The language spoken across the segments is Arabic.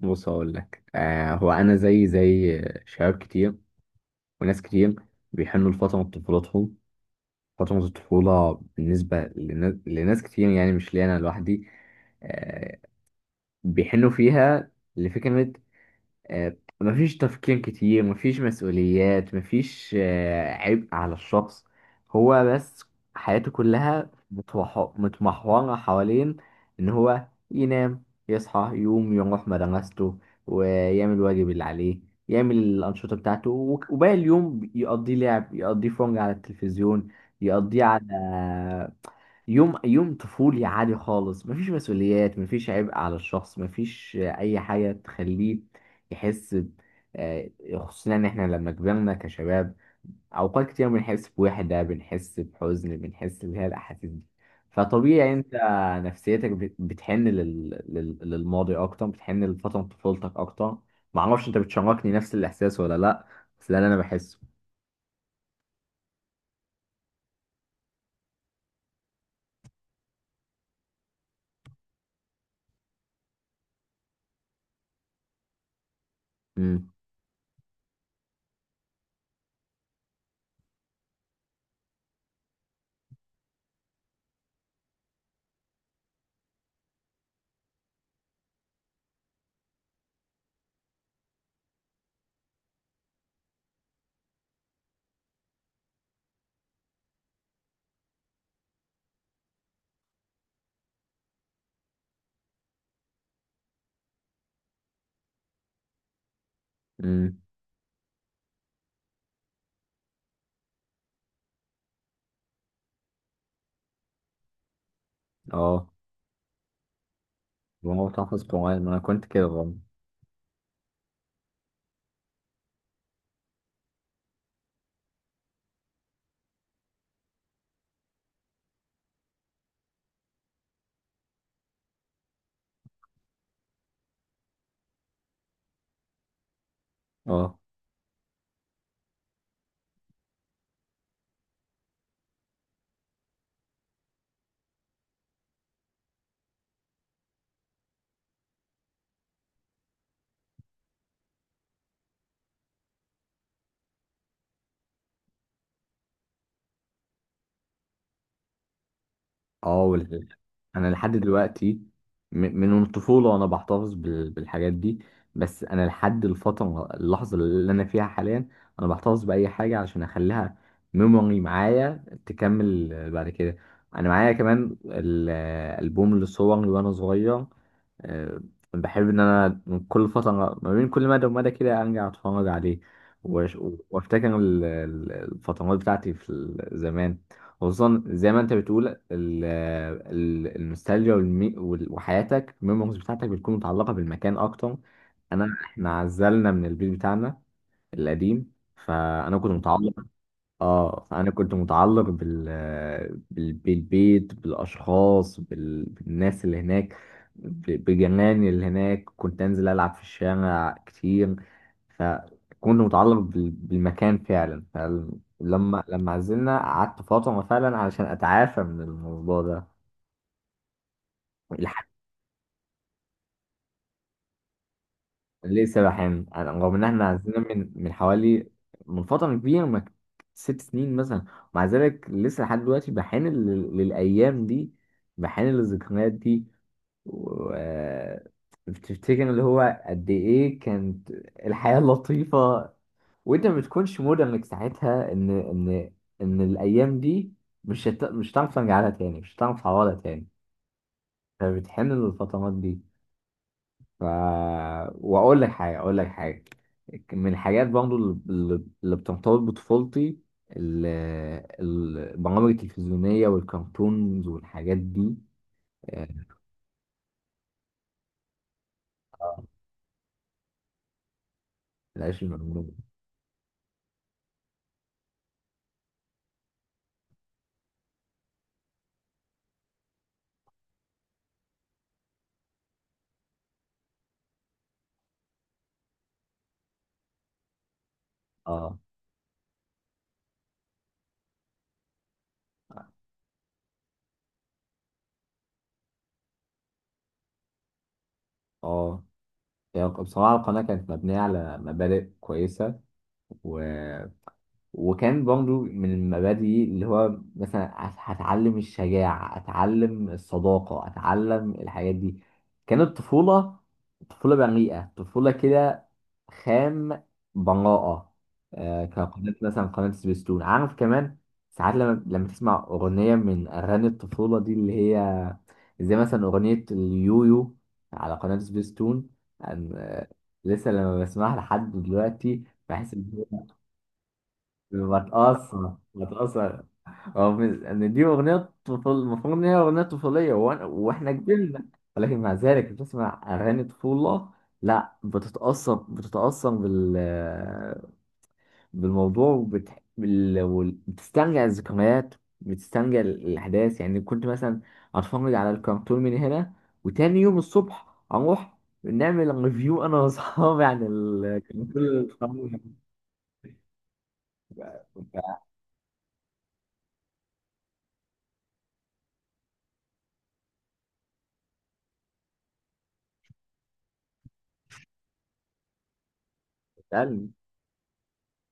بص، هقول لك. هو انا زي شباب كتير وناس كتير بيحنوا لفتره من طفولتهم. فتره الطفوله بالنسبه لناس كتير، يعني مش ليا انا لوحدي. آه بيحنوا فيها لفكره. مفيش تفكير كتير، مفيش مسؤوليات، مفيش عبء على الشخص. هو بس حياته كلها متمحورة حوالين إن هو ينام، يصحى يقوم يروح مدرسته، ويعمل الواجب اللي عليه، يعمل الأنشطة بتاعته، وباقي اليوم يقضيه لعب، يقضيه فرجة على التلفزيون، يقضيه على. يوم يوم طفولي عادي خالص، مفيش مسؤوليات، مفيش عبء على الشخص، مفيش اي حاجه تخليه يحس. آه، خصوصا ان احنا لما كبرنا كشباب اوقات كتير بنحس بوحده، بنحس بحزن، بنحس اللي هي الاحاسيس دي. فطبيعي انت نفسيتك بتحن للماضي اكتر، بتحن لفتره طفولتك اكتر. معرفش انت بتشاركني نفس الاحساس ولا لا، بس ده اللي انا بحسه. امم امم. اه. الموضوع تحفظ قرآن، ما انا كنت كده برضه. اه. اه انا لحد دلوقتي، من الطفوله وانا بحتفظ بالحاجات دي. بس انا لحد الفتره اللحظه اللي انا فيها حاليا انا بحتفظ باي حاجه عشان اخليها ميموري معايا تكمل بعد كده. انا معايا كمان الالبوم لصوري وانا صغير. آه، بحب ان انا من كل فتره ما بين كل مدى ومدى كده ارجع اتفرج عليه، وأش- وافتكر الفترات بتاعتي في زمان. خصوصا زي ما انت بتقول النوستالجيا وحياتك الميموريز بتاعتك بتكون متعلقه بالمكان اكتر. انا احنا عزلنا من البيت بتاعنا القديم، فانا كنت متعلق. اه انا كنت متعلق بالبيت، بالاشخاص، بالناس اللي هناك، بجيراني اللي هناك. كنت انزل العب في الشارع كتير، فكنت متعلق بالمكان فعلا. فلما عزلنا قعدت فترة فعلا علشان اتعافى من الموضوع ده. لسه بحن. رغم ان احنا عزلنا من حوالي، من فتره كبيره، ما، ست سنين مثلا. ومع ذلك لسه لحد دلوقتي بحن للايام دي، بحن للذكريات دي. و بتفتكر اللي هو قد ايه كانت الحياه لطيفه. وانت ما بتكونش مدرك ساعتها ان ان الايام دي مش هتعرف ترجع لها تاني، مش هتعرف تعوضها تاني. فبتحن للفترات دي. ف، واقول لك حاجه اقول لك حاجه من الحاجات برضه اللي بترتبط بطفولتي، ال- البرامج التلفزيونيه والكرتونز والحاجات دي. آه، العيش الممنوع. اه. اه. هي بصراحه القناه كانت مبنيه على مبادئ كويسه. و وكان برضو من المبادئ اللي هو مثلا هتعلم الشجاعة، أتعلم الصداقة، أتعلم الحاجات دي. كانت طفولة، طفولة بريئة، طفولة كده خام، براءة. آه كقناة مثلا قناة سبيستون، عارف كمان ساعات لما تسمع أغنية من أغاني الطفولة دي، اللي هي زي مثلا أغنية اليويو على قناة سبيستون. أن- آه، لسه لما بسمعها لحد دلوقتي بحس. بتأثر بتأثر. هو ان دي اغنية طفل، المفروض ان هي اغنية طفولية، واحنا كبرنا. ولكن مع ذلك بتسمع اغاني طفولة، لا بتتأثر، بتتأثر بالموضوع، بتسترجع الذكريات، بتسترجع الاحداث. يعني كنت مثلا اتفرج على الكرتون من هنا، وتاني يوم الصبح اروح نعمل ريفيو انا واصحابي عن الكرتون اللي اتفرجنا.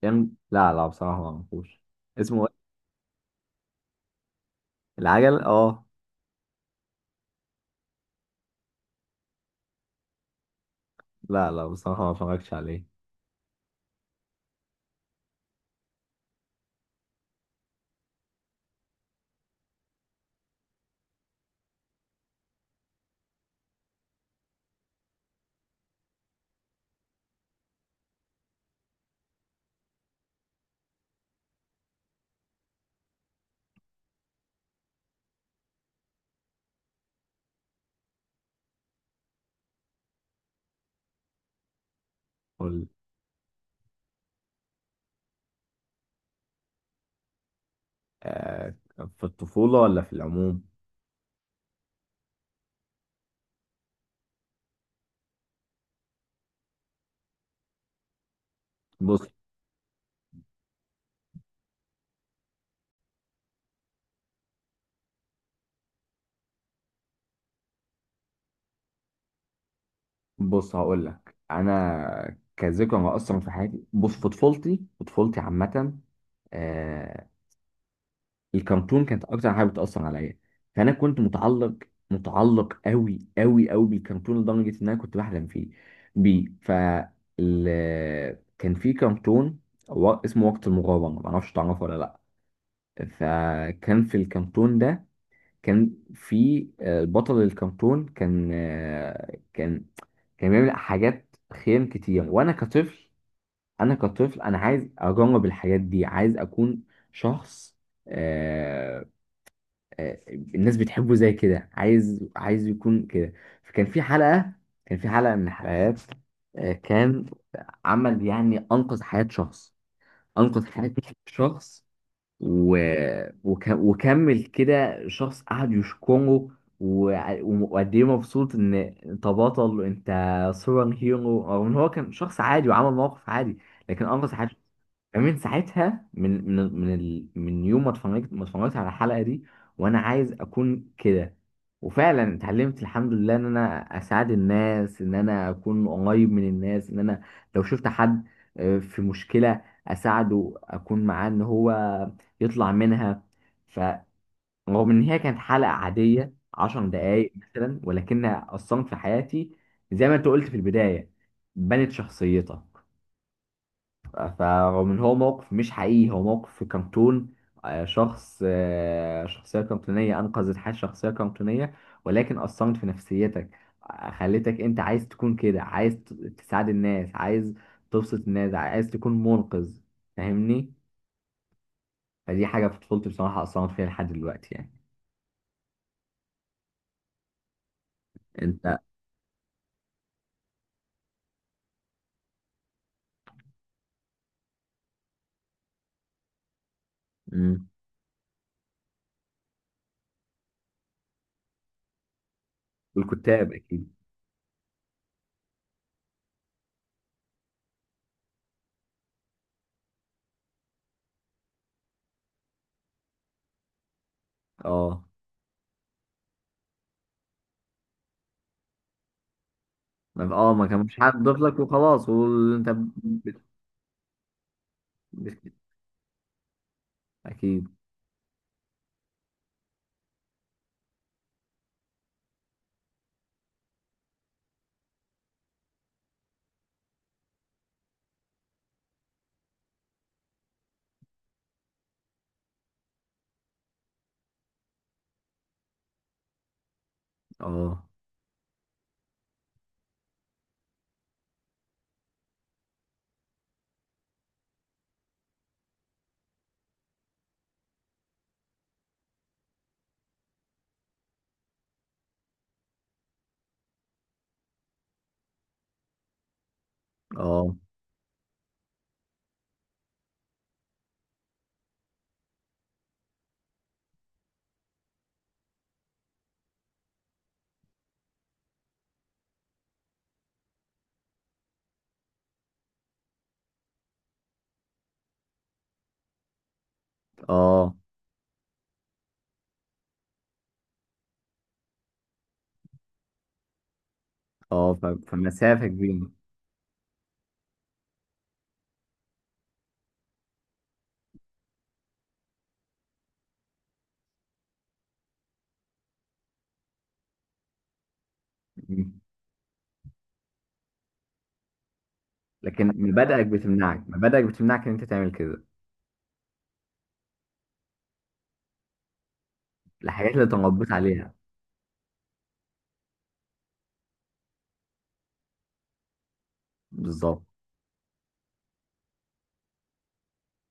كان، لا لا بصراحة ما اعرفوش. اسمه إيه؟ العجل اه. لا لا بصراحة ما اتفرجتش عليه. قول. آه. في الطفولة ولا في العموم؟ بص. بص هقول لك انا كذكرى اصلا في حياتي، بص، في طفولتي، في طفولتي عامة. آه، الكرتون كانت اكتر حاجه بتاثر عليا. فانا كنت متعلق، متعلق قوي قوي قوي بالكرتون، لدرجه ان انا كنت بحلم فيه، بيه. ف، كان في كرتون، اسمه وقت المغامره، ما اعرفش تعرفه ولا لا. فكان في الكرتون ده كان في، بطل الكرتون كان، كان، كان بيعمل حاجات خيام كتير. وانا كطفل، انا عايز اجرب الحاجات دي، عايز اكون شخص، آه، آه، الناس بتحبه زي كده، عايز يكون كده. فكان في حلقة، كان في حلقة من الحلقات، كان، عمل يعني أنقذ حياة شخص، أنقذ حياة شخص، و... وكمل كده. شخص قعد يشكره، وقد ايه مبسوط ان انت بطل، انت سوبر هيرو. رغم ان هو كان شخص عادي وعمل موقف عادي لكن انقذ حياة. فمن ساعتها، من يوم ما اتفرجت، على الحلقه دي وانا عايز اكون كده. وفعلا اتعلمت الحمد لله ان انا اساعد الناس، ان انا اكون قريب من الناس، ان انا لو شفت حد في مشكله اساعده، اكون معاه ان هو يطلع منها. فرغم ان هي كانت حلقه عاديه عشر دقايق مثلا ولكنها اثرت في حياتي. زي ما انت قلت في البدايه، بنت شخصيتك. فمن هو موقف مش حقيقي، هو موقف في كرتون. شخص، شخصية كرتونية أنقذت حياة شخصية كرتونية، ولكن أثرت في نفسيتك. خلتك أنت عايز تكون كده، عايز تساعد الناس، عايز تبسط الناس، عايز تكون منقذ. فاهمني؟ فدي حاجة في طفولتي بصراحة أثرت فيها لحد دلوقتي يعني. أنت. مم. والكتاب أكيد. أه. ما كانش حد ضيف لك وخلاص، وانت ب- اكيد. اه. اه. اه. اه فمسافة كبيرة. مم. لكن مبادئك بتمنعك، مبادئك بتمنعك ان انت تعمل كده. الحاجات اللي تربيت عليها. بالظبط.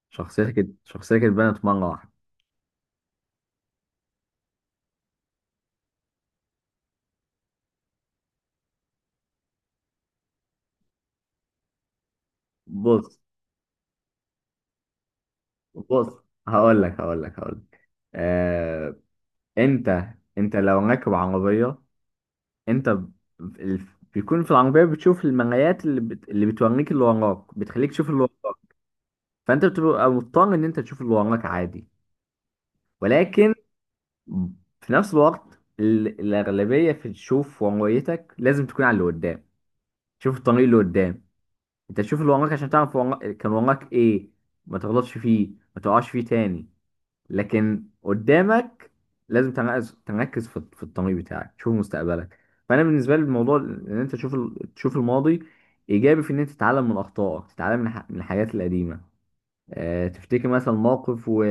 شخصيتك اتبنت مرة واحدة. بص، بص هقول لك. آه... انت، انت لو راكب عربية انت ال- بيكون في العربية بتشوف المرايات اللي بتوريك اللي وراك، بتخليك تشوف اللي وراك. فانت بتبقى مضطر ان انت تشوف اللي وراك عادي. ولكن في نفس الوقت الأغلبية في تشوف ورقتك لازم تكون على اللي قدام. شوف الطريق اللي قدام. انت تشوف اللي وراك عشان تعرف كان وراك ايه، ما تغلطش فيه، ما تقعش فيه تاني. لكن قدامك لازم تركز، تركز في الطريق بتاعك، تشوف مستقبلك. فأنا بالنسبة لي الموضوع ان انت تشوف تشوف الماضي إيجابي في ان انت تتعلم من أخطائك، تتعلم من من الحاجات القديمة. تفتكر مثلا موقف، و...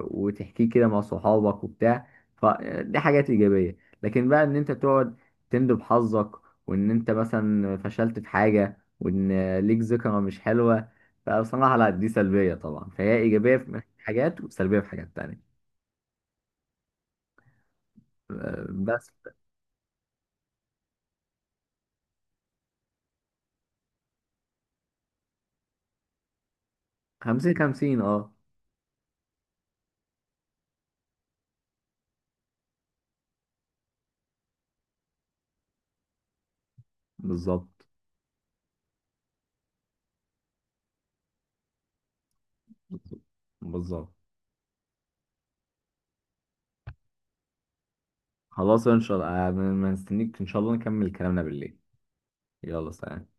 وتحكيه كده مع صحابك وبتاع. فدي حاجات إيجابية. لكن بقى إن أنت تقعد تندب حظك، وإن أنت مثلا فشلت في حاجة وإن ليك ذكرى مش حلوة، فبصراحة لا، دي سلبية طبعا. فهي إيجابية في حاجات وسلبية في حاجات تانية. بس. خمسين خمسين، اه. بالظبط. بالظبط. خلاص ان شاء الله. ما نستنيك، ان شاء الله نكمل كلامنا بالليل. يلا سلام.